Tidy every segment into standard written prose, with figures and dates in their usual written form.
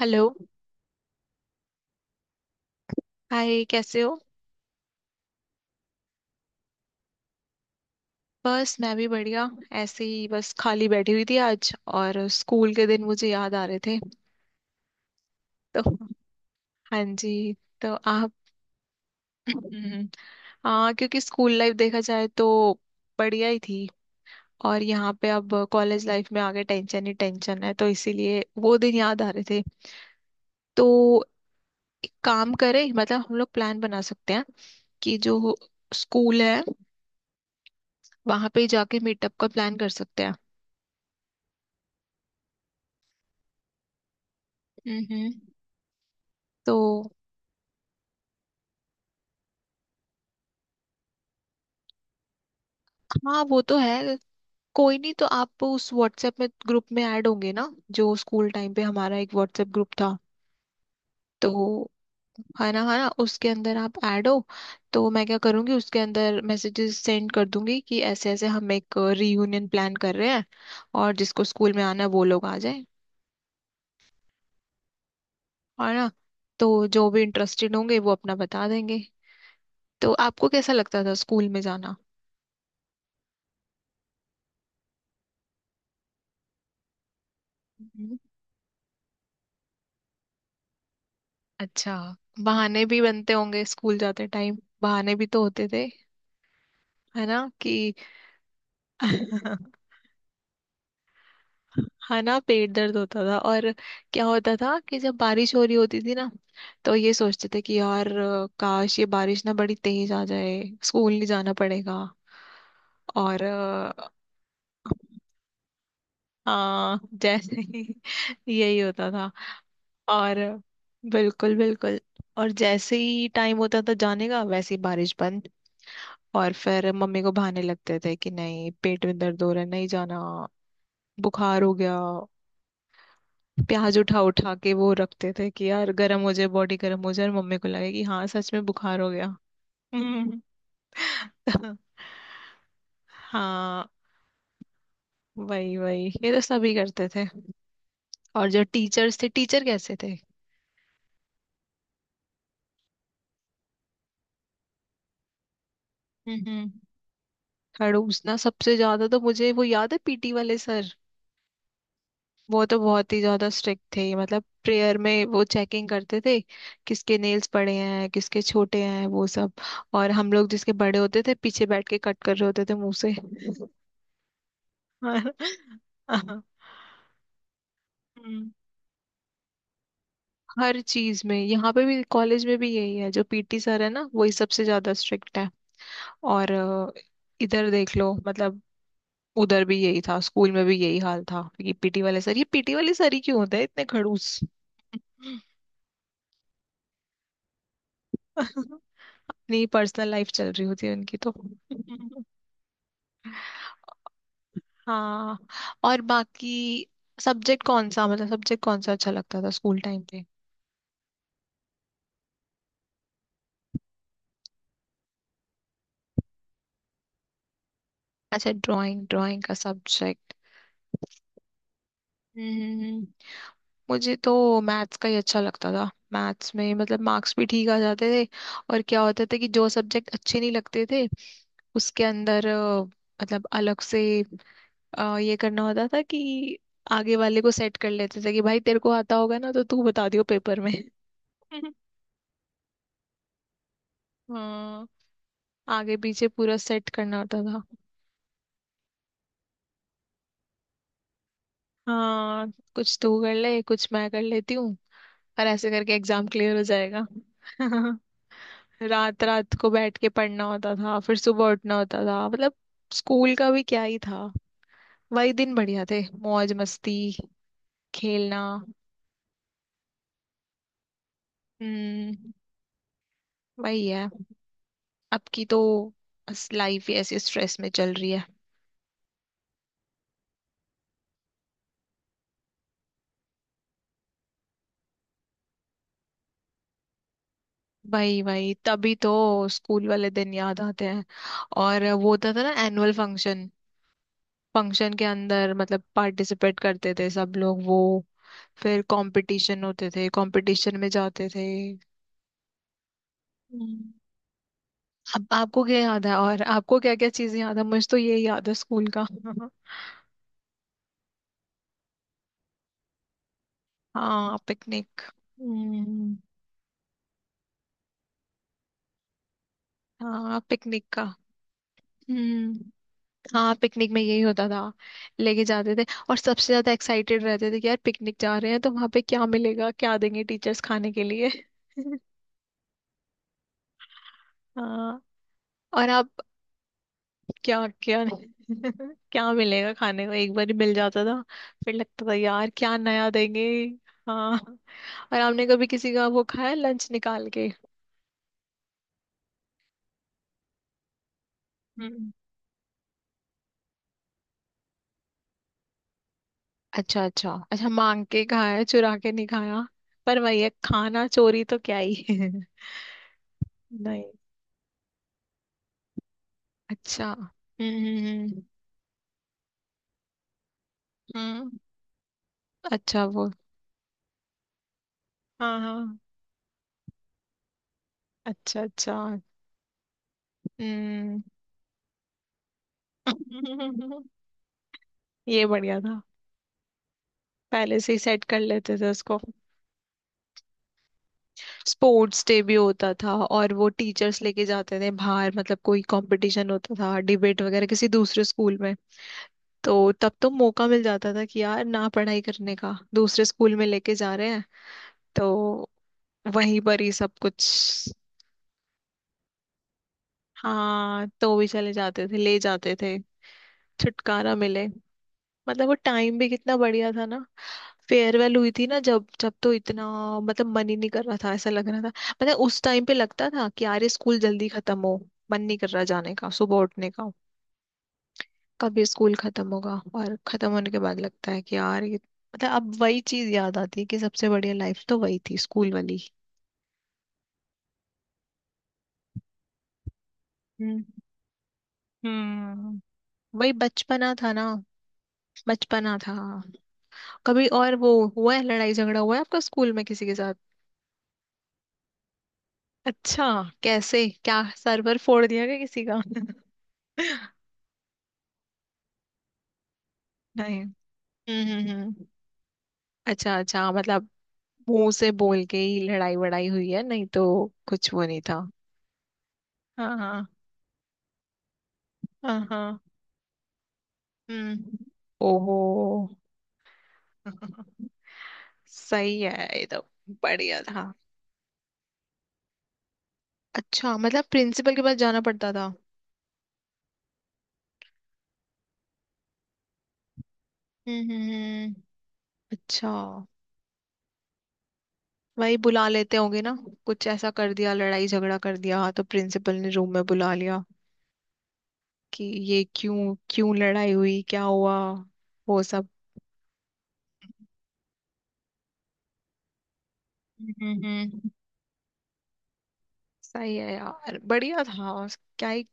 Hello. Hi, कैसे हो। बस मैं भी बढ़िया। ऐसे ही बस खाली बैठी हुई थी आज, और स्कूल के दिन मुझे याद आ रहे थे। तो हाँ जी। तो आप। हम्म। हाँ, क्योंकि स्कूल लाइफ देखा जाए तो बढ़िया ही थी। और यहाँ पे अब कॉलेज लाइफ में आगे टेंशन ही टेंशन है, तो इसीलिए वो दिन याद आ रहे थे। तो एक काम करें, मतलब हम लोग प्लान बना सकते हैं कि जो स्कूल है, वहां पे जाके मीटअप का प्लान कर सकते हैं। हम्म। तो हाँ, वो तो है। कोई नहीं, तो आप उस व्हाट्सएप में ग्रुप में ऐड होंगे ना, जो स्कूल टाइम पे हमारा एक व्हाट्सएप ग्रुप था। तो है ना, है ना, उसके अंदर आप ऐड हो। तो मैं क्या करूँगी, उसके अंदर मैसेजेस सेंड कर दूंगी कि ऐसे ऐसे हम एक रीयूनियन प्लान कर रहे हैं, और जिसको स्कूल में आना है वो लोग आ जाए। है ना। तो जो भी इंटरेस्टेड होंगे वो अपना बता देंगे। तो आपको कैसा लगता था स्कूल में जाना। हम्म। अच्छा, बहाने भी बनते होंगे स्कूल जाते टाइम, बहाने भी तो होते थे, है ना कि है ना, पेट दर्द होता था। और क्या होता था कि जब बारिश हो रही होती थी ना, तो ये सोचते थे कि यार, काश ये बारिश ना बड़ी तेज आ जाए, स्कूल नहीं जाना पड़ेगा। और हाँ, जैसे ही यही होता था। और बिल्कुल बिल्कुल। और जैसे ही टाइम होता था जाने का, वैसे ही बारिश बंद। और फिर मम्मी को बहाने लगते थे कि नहीं, पेट में दर्द हो रहा है, नहीं जाना, बुखार हो गया। प्याज उठा उठा के वो रखते थे कि यार गर्म हो जाए, बॉडी गर्म हो जाए और मम्मी को लगे कि हाँ, सच में बुखार हो गया। हम्म। हाँ वही वही, ये तो सभी करते थे। और जो टीचर्स थे, टीचर कैसे थे। हम्म। खड़ूस ना, सबसे ज्यादा तो मुझे वो याद है पीटी वाले सर। वो तो बहुत ही ज्यादा स्ट्रिक्ट थे, मतलब प्रेयर में वो चेकिंग करते थे किसके नेल्स बड़े हैं, किसके छोटे हैं, वो सब। और हम लोग जिसके बड़े होते थे पीछे बैठ के कट कर रहे होते थे मुंह से। हाँ। हम्म, हर चीज में, यहाँ पे भी, कॉलेज में भी यही है, जो पीटी सर है ना वही सबसे ज्यादा स्ट्रिक्ट है। और इधर देख लो, मतलब उधर भी यही था, स्कूल में भी यही हाल था कि पीटी वाले सर ये पीटी वाले सर ही क्यों होते हैं इतने खड़ूस। अपनी पर्सनल लाइफ चल रही होती है उनकी तो। हाँ। और बाकी सब्जेक्ट कौन सा, मतलब सब्जेक्ट कौन सा अच्छा लगता था स्कूल टाइम पे। अच्छा, ड्राइंग, ड्राइंग का सब्जेक्ट। मुझे तो मैथ्स का ही अच्छा लगता था। मैथ्स में मतलब मार्क्स भी ठीक आ जाते थे। और क्या होता था कि जो सब्जेक्ट अच्छे नहीं लगते थे, उसके अंदर मतलब अलग से ये करना होता था कि आगे वाले को सेट कर लेते थे कि भाई, तेरे को आता होगा ना, तो तू बता दियो पेपर में। हाँ, आगे पीछे पूरा सेट करना होता था। हाँ, कुछ तू कर ले, कुछ मैं कर लेती हूँ, और ऐसे करके एग्जाम क्लियर हो जाएगा। रात रात को बैठ के पढ़ना होता था, फिर सुबह उठना होता था, मतलब स्कूल का भी क्या ही था। वही दिन बढ़िया थे, मौज मस्ती, खेलना। हम्म, वही है। अब की तो लाइफ ही ऐसे स्ट्रेस में चल रही है। वही वही, तभी तो स्कूल वाले दिन याद आते हैं। और वो होता था ना, एनुअल फंक्शन। फंक्शन के अंदर मतलब पार्टिसिपेट करते थे सब लोग वो, फिर कंपटीशन होते थे, कंपटीशन में जाते थे। अब आपको क्या याद है, और आपको क्या क्या चीजें याद है, मुझे तो ये याद है स्कूल का। हाँ, पिकनिक। हम्म। हाँ पिकनिक का। हम्म। हाँ, पिकनिक में यही होता था, लेके जाते थे और सबसे ज्यादा एक्साइटेड रहते थे कि यार पिकनिक जा रहे हैं, तो वहां पे क्या मिलेगा, क्या देंगे टीचर्स खाने के लिए। हाँ। और आप, क्या क्या क्या मिलेगा खाने को, एक बार ही मिल जाता था, फिर लगता था यार क्या नया देंगे। हाँ। और आपने कभी किसी का वो खाया, लंच निकाल के। हम्म, अच्छा अच्छा अच्छा, मांग के खाया, चुरा के नहीं खाया। पर वही है, खाना चोरी तो क्या ही है। नहीं। अच्छा, हम्म, हम्म। अच्छा वो, हाँ हाँ। अच्छा अच्छा। हम्म। ये बढ़िया था, पहले से ही सेट कर लेते थे उसको। स्पोर्ट्स डे भी होता था, और वो टीचर्स लेके जाते थे बाहर, मतलब कोई कंपटीशन होता था, डिबेट वगैरह, किसी दूसरे स्कूल में। तो तब तो मौका मिल जाता था कि यार ना पढ़ाई करने का, दूसरे स्कूल में लेके जा रहे हैं, तो वहीं पर ही सब कुछ। हाँ, तो भी चले जाते थे, ले जाते थे। छुटकारा मिले। मतलब वो टाइम भी कितना बढ़िया था ना। फेयरवेल हुई थी ना, जब जब, तो इतना, मतलब मन ही नहीं कर रहा था, ऐसा लग रहा था। मतलब उस टाइम पे लगता था कि यार ये स्कूल जल्दी खत्म हो, मन नहीं कर रहा जाने का, सुबह उठने का, कब ये स्कूल खत्म होगा, और खत्म होने के बाद लगता है कि यार ये, मतलब अब वही चीज याद आती है कि सबसे बढ़िया लाइफ तो वही थी, स्कूल वाली। हम्म। हम्म। वही बचपना था ना, बचपना था। कभी और वो, हुआ है लड़ाई झगड़ा हुआ है आपका स्कूल में किसी के साथ। अच्छा, कैसे, क्या सर्वर फोड़ दिया क्या किसी का। नहीं। हम्म हम्म हम्म। अच्छा अच्छा, मतलब मुंह से बोल के ही लड़ाई वड़ाई हुई है, नहीं तो कुछ वो नहीं था। हाँ हाँ हाँ। हाँ। हम्म। ओहो। सही है ये तो। बढ़िया था। अच्छा, मतलब प्रिंसिपल के पास जाना पड़ता था। हम्म हम्म हम्म। अच्छा, वही बुला लेते होंगे ना, कुछ ऐसा कर दिया, लड़ाई झगड़ा कर दिया तो प्रिंसिपल ने रूम में बुला लिया कि ये क्यों क्यों लड़ाई हुई, क्या हुआ, वो सब। हम्म। सही है यार, बढ़िया था क्या ही।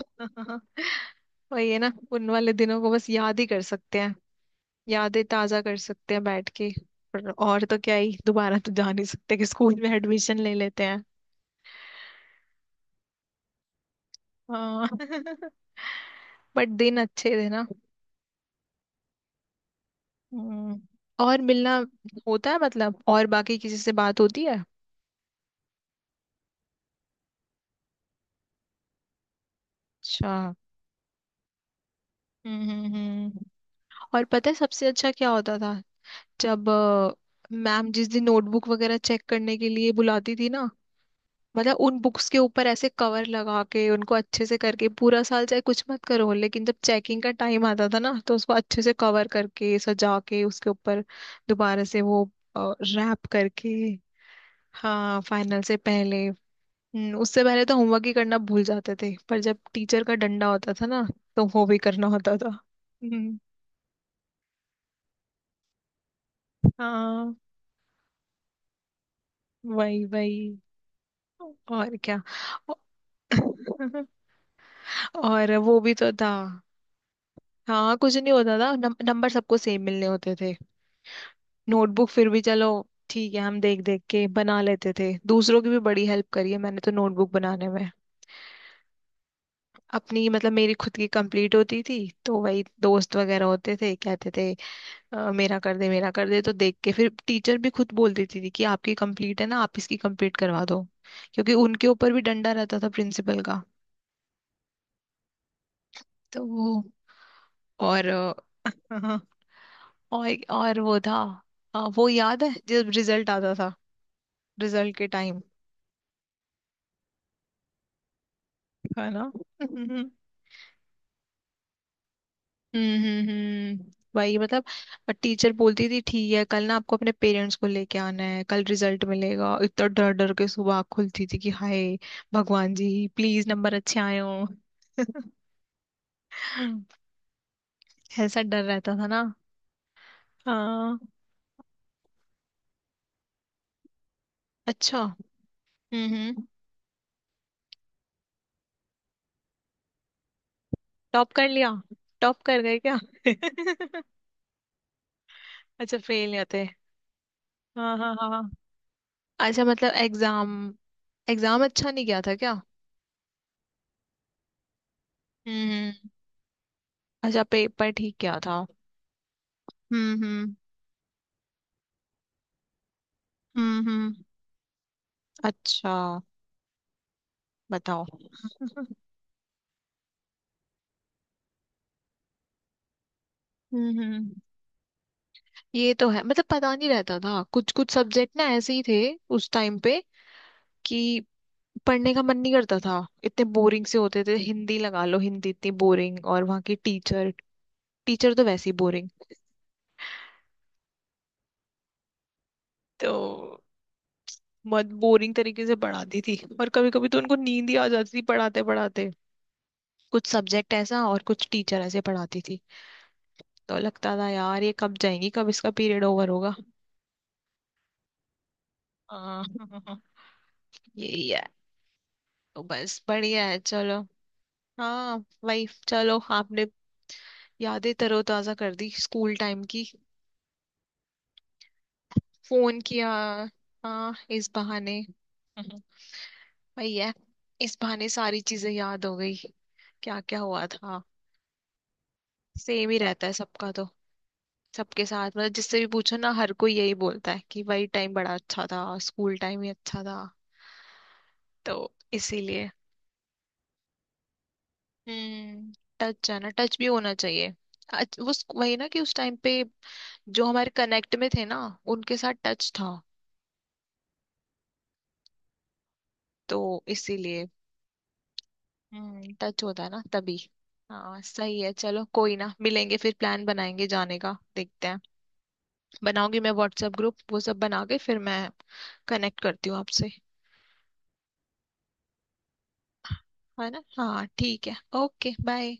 वही है ना, उन वाले दिनों को बस याद ही कर सकते हैं, यादें ताजा कर सकते हैं बैठ के। पर और तो क्या ही, दोबारा तो जा नहीं सकते कि स्कूल में एडमिशन ले लेते हैं। हाँ। बट दिन अच्छे थे ना। हम्म। और मिलना होता है, मतलब और बाकी किसी से बात होती है। अच्छा, हम्म हम्म हम्म। और पता है सबसे अच्छा क्या होता था, जब मैम जिस दिन नोटबुक वगैरह चेक करने के लिए बुलाती थी ना, मतलब उन बुक्स के ऊपर ऐसे कवर लगा के उनको अच्छे से करके, पूरा साल चाहे कुछ मत करो, लेकिन जब चेकिंग का टाइम आता था ना, तो उसको अच्छे से कवर करके सजा के, उसके ऊपर दोबारा से वो रैप करके। हाँ, फाइनल से पहले। उससे पहले तो होमवर्क ही करना भूल जाते थे, पर जब टीचर का डंडा होता था ना, तो वो भी करना होता था। हम्म, हाँ वही वही। और क्या। और वो भी तो था। हाँ, कुछ नहीं होता था, नंबर सबको सेम मिलने होते थे। नोटबुक फिर भी चलो, ठीक है, हम देख देख के बना लेते थे। दूसरों की भी बड़ी हेल्प करी है मैंने तो नोटबुक बनाने में। अपनी मतलब मेरी खुद की कंप्लीट होती थी, तो वही दोस्त वगैरह होते थे, कहते थे, मेरा कर दे, मेरा कर दे", तो देख के फिर टीचर भी खुद बोल देती थी कि आपकी कंप्लीट है ना, आप इसकी कंप्लीट करवा दो, क्योंकि उनके ऊपर भी डंडा रहता था प्रिंसिपल का। तो वो, और हाँ, और वो था, वो याद है जब रिजल्ट आता था, रिजल्ट के टाइम। है ना। हम्म हम्म हम्म। वही, मतलब टीचर बोलती थी ठीक है, कल ना आपको अपने पेरेंट्स को लेके आना है, कल रिजल्ट मिलेगा, इतना डर डर के सुबह आँख खुलती थी कि हाय भगवान जी, प्लीज नंबर अच्छे आए हो। ऐसा डर रहता था ना। हाँ। अच्छा, हम्म हम्म। टॉप कर लिया। टॉप कर गए क्या। अच्छा, फेल नहीं होते। हाँ हाँ हाँ। अच्छा मतलब, एग्जाम, एग्जाम अच्छा नहीं गया था क्या। हम्म। अच्छा, पेपर ठीक किया था। हम्म। हम्म। अच्छा, बताओ। हम्म। ये तो है, मतलब पता नहीं रहता था, कुछ कुछ सब्जेक्ट ना ऐसे ही थे उस टाइम पे कि पढ़ने का मन नहीं करता था। इतने बोरिंग से होते थे, हिंदी लगा लो, हिंदी इतनी बोरिंग, और वहाँ की टीचर, टीचर तो वैसे ही बोरिंग, तो बहुत बोरिंग तरीके से पढ़ाती थी। और कभी कभी तो उनको नींद ही आ जाती थी पढ़ाते पढ़ाते। कुछ सब्जेक्ट ऐसा, और कुछ टीचर ऐसे पढ़ाती थी, तो लगता था यार ये कब जाएंगी, कब इसका पीरियड ओवर होगा। हाँ। यही है। तो बस, बढ़िया है, चलो। हाँ लाइफ, चलो आपने यादें तरोताजा कर दी स्कूल टाइम की, फोन किया। हाँ, इस बहाने। वही है, इस बहाने सारी चीजें याद हो गई, क्या क्या हुआ था। सेम ही रहता है सबका तो, सबके साथ, मतलब जिससे भी पूछो ना, हर कोई यही बोलता है कि वही टाइम बड़ा अच्छा था, स्कूल टाइम ही अच्छा था, तो इसीलिए। हम्म। टच भी होना चाहिए। वही ना कि उस टाइम पे जो हमारे कनेक्ट में थे ना, उनके साथ टच था, तो इसीलिए। हम्म, टच होता है ना तभी। हाँ सही है, चलो कोई ना, मिलेंगे फिर, प्लान बनाएंगे जाने का, देखते हैं। बनाऊंगी मैं व्हाट्सएप ग्रुप, वो सब बना के, फिर मैं कनेक्ट करती हूँ आपसे। है ना, हाँ ठीक है। Okay, bye.